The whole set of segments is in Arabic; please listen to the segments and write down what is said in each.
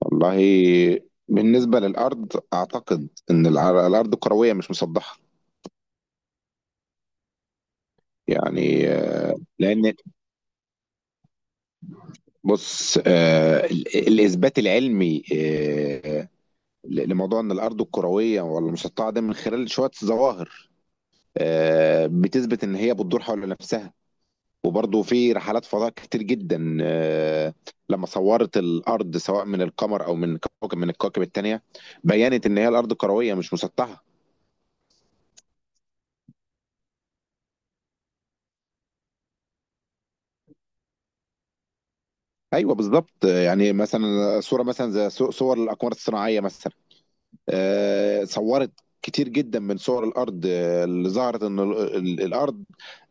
والله، بالنسبة للأرض أعتقد إن الأرض كروية مش مسطحة. يعني لأن، بص، الإثبات العلمي لموضوع إن الأرض الكروية ولا المسطحة ده من خلال شوية ظواهر بتثبت إن هي بتدور حول نفسها. وبرضه في رحلات فضاء كتير جدا، لما صورت الأرض سواء من القمر أو من كوكب من الكواكب التانية، بينت إن هي الأرض كروية مش مسطحة. ايوه بالظبط. يعني مثلا صوره، مثلا زي صور الاقمار الصناعيه مثلا، صورت كتير جدا من صور الارض اللي ظهرت ان الارض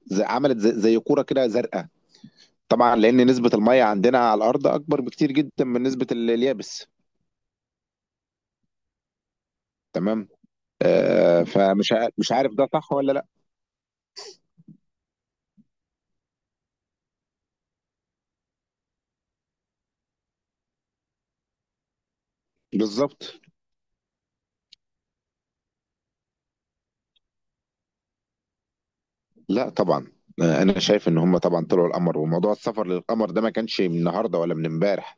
عملت زي زي كوره كده زرقاء، طبعا لان نسبه الميه عندنا على الارض اكبر بكتير جدا من نسبه اليابس. تمام. فمش مش عارف ده صح ولا لا. بالظبط. لا طبعا، انا شايف ان هم طبعا طلعوا القمر. وموضوع السفر للقمر ده ما كانش من النهارده ولا من امبارح،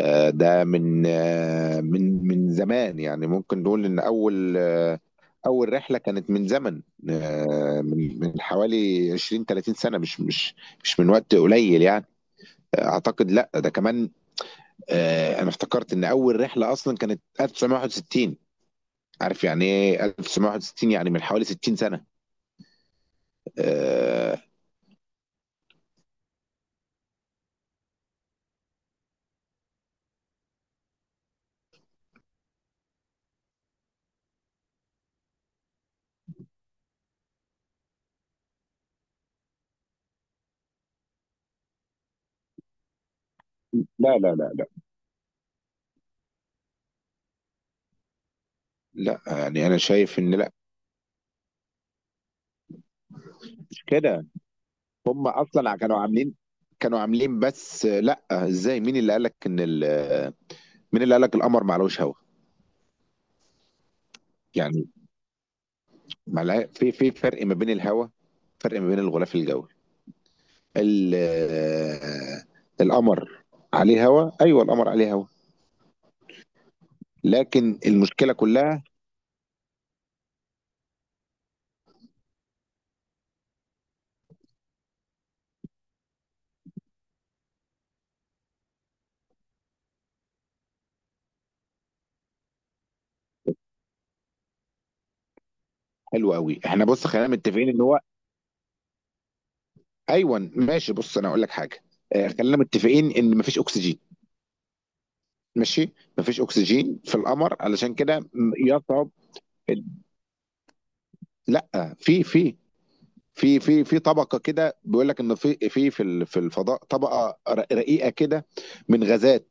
ده من من زمان. يعني ممكن نقول ان اول اول رحله كانت من زمن، من حوالي 20 30 سنه. مش من وقت قليل يعني. اعتقد لا، ده كمان انا افتكرت ان اول رحله اصلا كانت 1961. عارف يعني ايه 1961؟ يعني من حوالي 60 سنه. آه، لا لا لا لا. لا يعني انا شايف ان لا، مش كده. هم اصلا كانوا عاملين، كانوا عاملين. بس لا، ازاي؟ مين اللي قالك ان ال...؟ مين اللي قالك القمر معلوش هوا؟ يعني، معلها... في فرق ما بين الهوا، فرق ما بين الغلاف الجوي، ال... القمر عليه هوا. ايوه القمر عليه هوا. لكن المشكله كلها، حلوه قوي، احنا بص خلينا متفقين ان هو، ايوه ماشي، بص انا اقول لك حاجه، خلينا متفقين ان مفيش اكسجين. ماشي. مفيش اكسجين في القمر علشان كده يصعب ال- لا، في في طبقه كده، بيقول لك ان في في الفضاء طبقه رقيقه كده، من غازات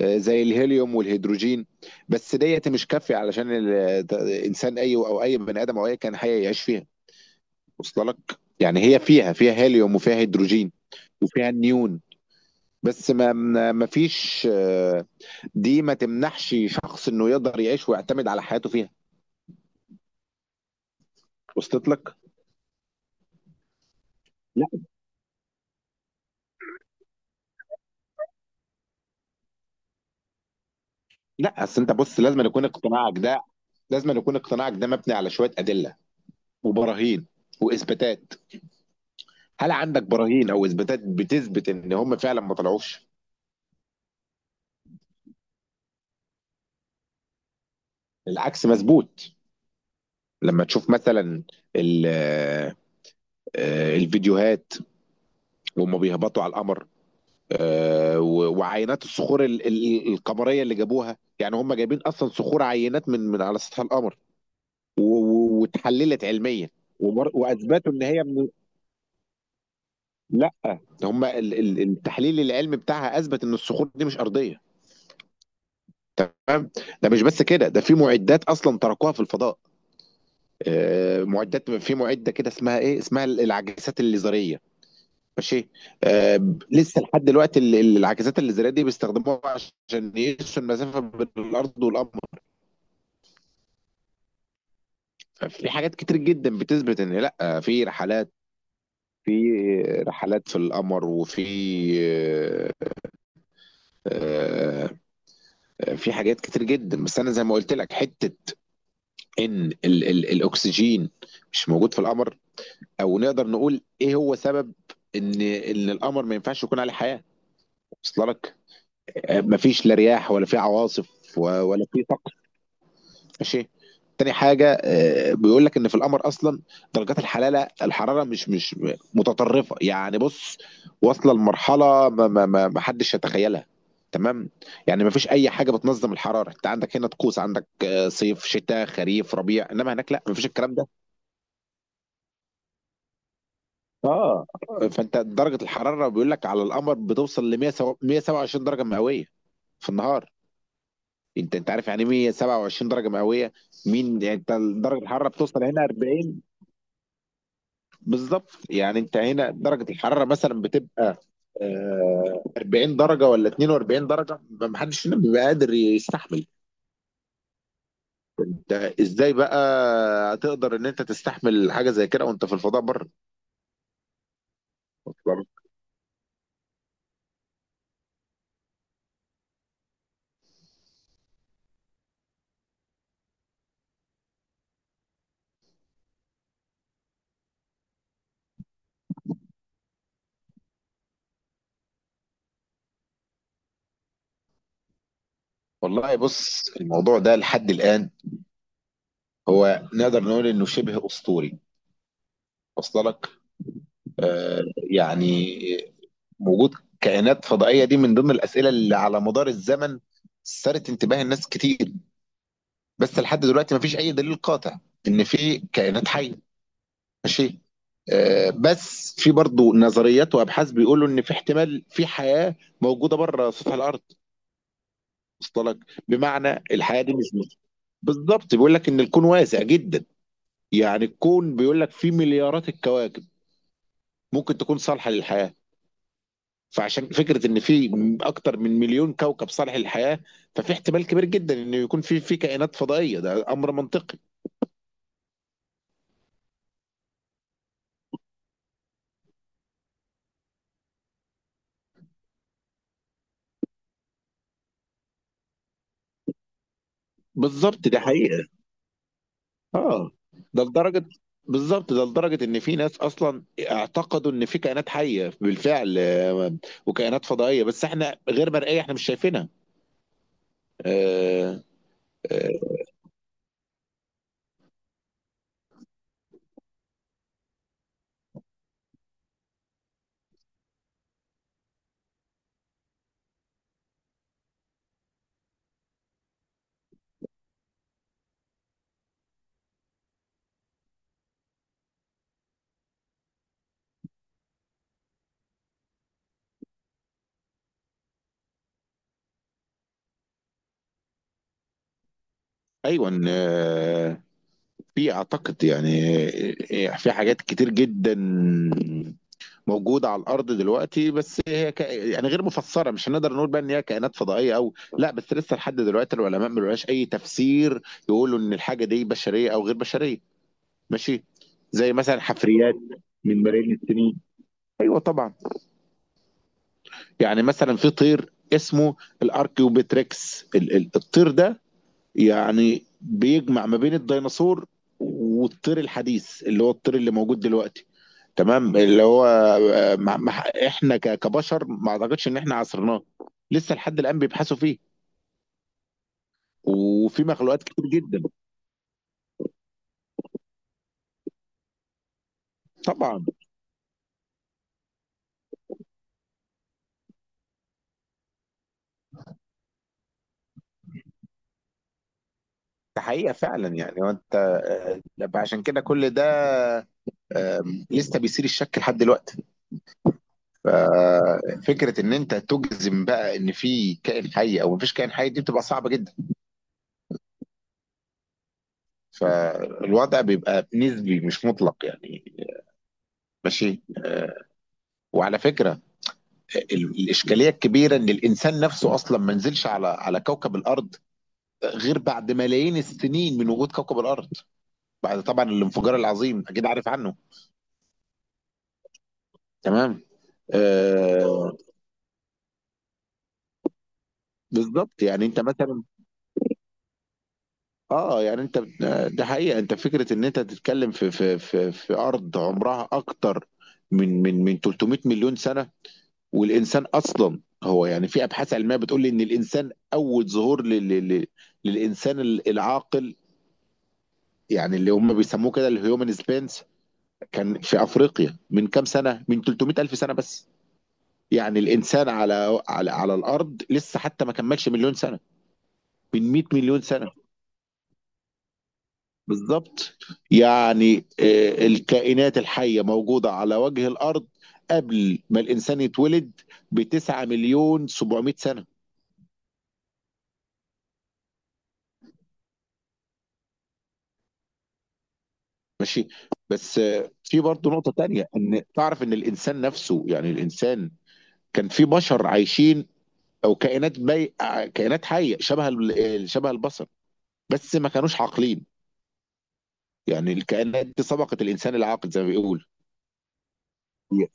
زي الهيليوم والهيدروجين. بس ديت مش كافيه علشان انسان، اي او اي بني ادم او اي كائن حي، يعيش فيها. وصل لك؟ يعني هي فيها هيليوم وفيها هيدروجين وفيها نيون، بس ما فيش دي ما تمنحش شخص انه يقدر يعيش ويعتمد على حياته فيها. وصلت لك؟ لا لا، اصل انت بص لازم أن يكون اقتناعك ده، لازم أن يكون اقتناعك ده مبني على شويه ادله وبراهين واثباتات. هل عندك براهين او اثباتات بتثبت ان هم فعلا ما طلعوش؟ العكس مظبوط. لما تشوف مثلا ال- الفيديوهات وهم بيهبطوا على القمر، وعينات الصخور القمريه اللي جابوها. يعني هم جايبين اصلا صخور، عينات من على سطح القمر، واتحللت علميا واثبتوا ان هي من... لا، هم التحليل العلمي بتاعها اثبت ان الصخور دي مش ارضيه. تمام؟ ده مش بس كده، ده في مُعدّات أصلًا تركوها في الفضاء، مُعدّات، في مُعدّة كده اسمها إيه، اسمها ال العاكسات الليزرية. ماشي. ب لسه لحد دلوقتي ال العاكسات الليزرية دي بيستخدموها عشان يقيسوا المسافة بين الأرض والقمر. ففي حاجات كتير جدًا بتثبت إن لأ، في رحلات، في رحلات في القمر، وفي آآ في حاجات كتير جدًا. بس أنا زي ما قُلت لك حتّة إن ال الأكسجين مش موجود في القمر، او نقدر نقول ايه هو سبب ان القمر ما ينفعش يكون عليه حياه. وصل لك؟ مفيش لا رياح ولا في عواصف ولا في طقس. ماشي. تاني حاجه، بيقول لك ان في القمر اصلا درجات الحراره مش متطرفه، يعني بص، واصله لمرحله ما حدش يتخيلها، تمام. يعني ما فيش اي حاجه بتنظم الحراره. انت عندك هنا طقوس، عندك صيف، شتاء، خريف، ربيع، انما هناك لا، ما فيش الكلام ده. اه. فانت درجه الحراره، بيقول لك على القمر، بتوصل ل 100 127 درجه مئويه في النهار. انت عارف يعني إيه 127 درجه مئويه؟ مين يعني انت! درجه الحراره بتوصل هنا 40. بالظبط. يعني انت هنا درجه الحراره مثلا بتبقى 40 درجه ولا 42 درجه، ما حدش هنا بيبقى قادر يستحمل. ده ازاي بقى هتقدر ان انت تستحمل حاجه زي كده وانت في الفضاء بره؟ والله بص، الموضوع ده لحد الان هو نقدر نقول انه شبه اسطوري. وصل لك؟ آه. يعني وجود كائنات فضائيه، دي من ضمن الاسئله اللي على مدار الزمن سارت انتباه الناس كتير. بس لحد دلوقتي ما فيش اي دليل قاطع ان في كائنات حيه. ماشي. آه، بس في برضو نظريات وابحاث بيقولوا ان في احتمال في حياه موجوده بره سطح الارض. وصل لك؟ بمعنى الحياه دي بالظبط، بيقول لك ان الكون واسع جدا. يعني الكون بيقول لك فيه مليارات الكواكب ممكن تكون صالحه للحياه. فعشان فكره ان في اكتر من مليون كوكب صالح للحياه، ففي احتمال كبير جدا انه يكون في كائنات فضائيه، ده امر منطقي. بالظبط، ده حقيقه. اه. ده لدرجه، بالظبط، ده لدرجه ان في ناس اصلا اعتقدوا ان في كائنات حيه بالفعل وكائنات فضائيه، بس احنا غير مرئيه، احنا مش شايفينها. آه، آه، ايوه في، اعتقد يعني، في حاجات كتير جدا موجودة على الأرض دلوقتي، بس هي يعني غير مفسرة. مش هنقدر نقول بقى إن هي كائنات فضائية أو لا، بس لسه لحد دلوقتي العلماء ما لهاش أي تفسير يقولوا إن الحاجة دي بشرية أو غير بشرية. ماشي. زي مثلا حفريات من ملايين السنين. أيوه طبعا. يعني مثلا في طير اسمه الأركيوبتريكس، الطير ده يعني بيجمع ما بين الديناصور والطير الحديث اللي هو الطير اللي موجود دلوقتي. تمام. اللي هو مع احنا كبشر، ما اعتقدش ان احنا عصرناه. لسه لحد الان بيبحثوا فيه. وفي مخلوقات كتير جدا، طبعا. ده حقيقة فعلا يعني. وانت عشان كده كل ده آه، لسه بيثير الشك لحد دلوقتي. ففكرة ان انت تجزم بقى ان في كائن حي او مفيش كائن حي، دي بتبقى صعبة جدا. فالوضع بيبقى نسبي مش مطلق يعني. ماشي. وعلى فكرة، الاشكاليه الكبيره ان الانسان نفسه اصلا ما نزلش على كوكب الارض غير بعد ملايين السنين من وجود كوكب الارض، بعد طبعا الانفجار العظيم، اكيد عارف عنه. تمام. آه. بالظبط. يعني انت مثلا، اه يعني انت، ده حقيقه. انت فكره ان انت تتكلم في ارض عمرها اكتر من 300 مليون سنه. والانسان اصلا هو، يعني في ابحاث علميه بتقول ان الانسان اول ظهور للانسان العاقل، يعني اللي هم بيسموه كده الهيومن سبينس، كان في افريقيا من كام سنه، من 300 الف سنه بس. يعني الانسان على على الارض لسه حتى ما كملش مليون سنه من 100 مليون سنه. بالظبط. يعني الكائنات الحيه موجوده على وجه الارض قبل ما الانسان يتولد ب 9 مليون 700 سنه. ماشي. بس في برضه نقطه تانية. ان تعرف ان الانسان نفسه، يعني الانسان كان في بشر عايشين، او كائنات كائنات حيه شبه شبه البشر، بس ما كانوش عاقلين. يعني الكائنات دي سبقت الانسان العاقل زي ما بيقول.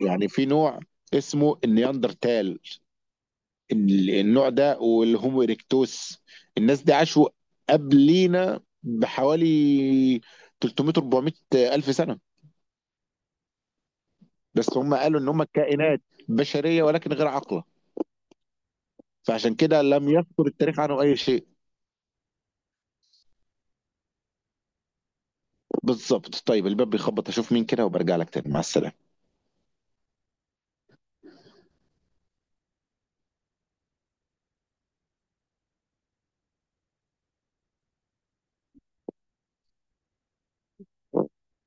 يعني في نوع اسمه النياندرتال، النوع ده والهومو إيريكتوس، الناس دي عاشوا قبلينا بحوالي 300 400 الف سنه. بس هم قالوا ان هم كائنات بشريه ولكن غير عاقله، فعشان كده لم يذكر التاريخ عنه اي شيء. بالظبط. طيب الباب بيخبط، اشوف مين كده وبرجع لك تاني. مع السلامه.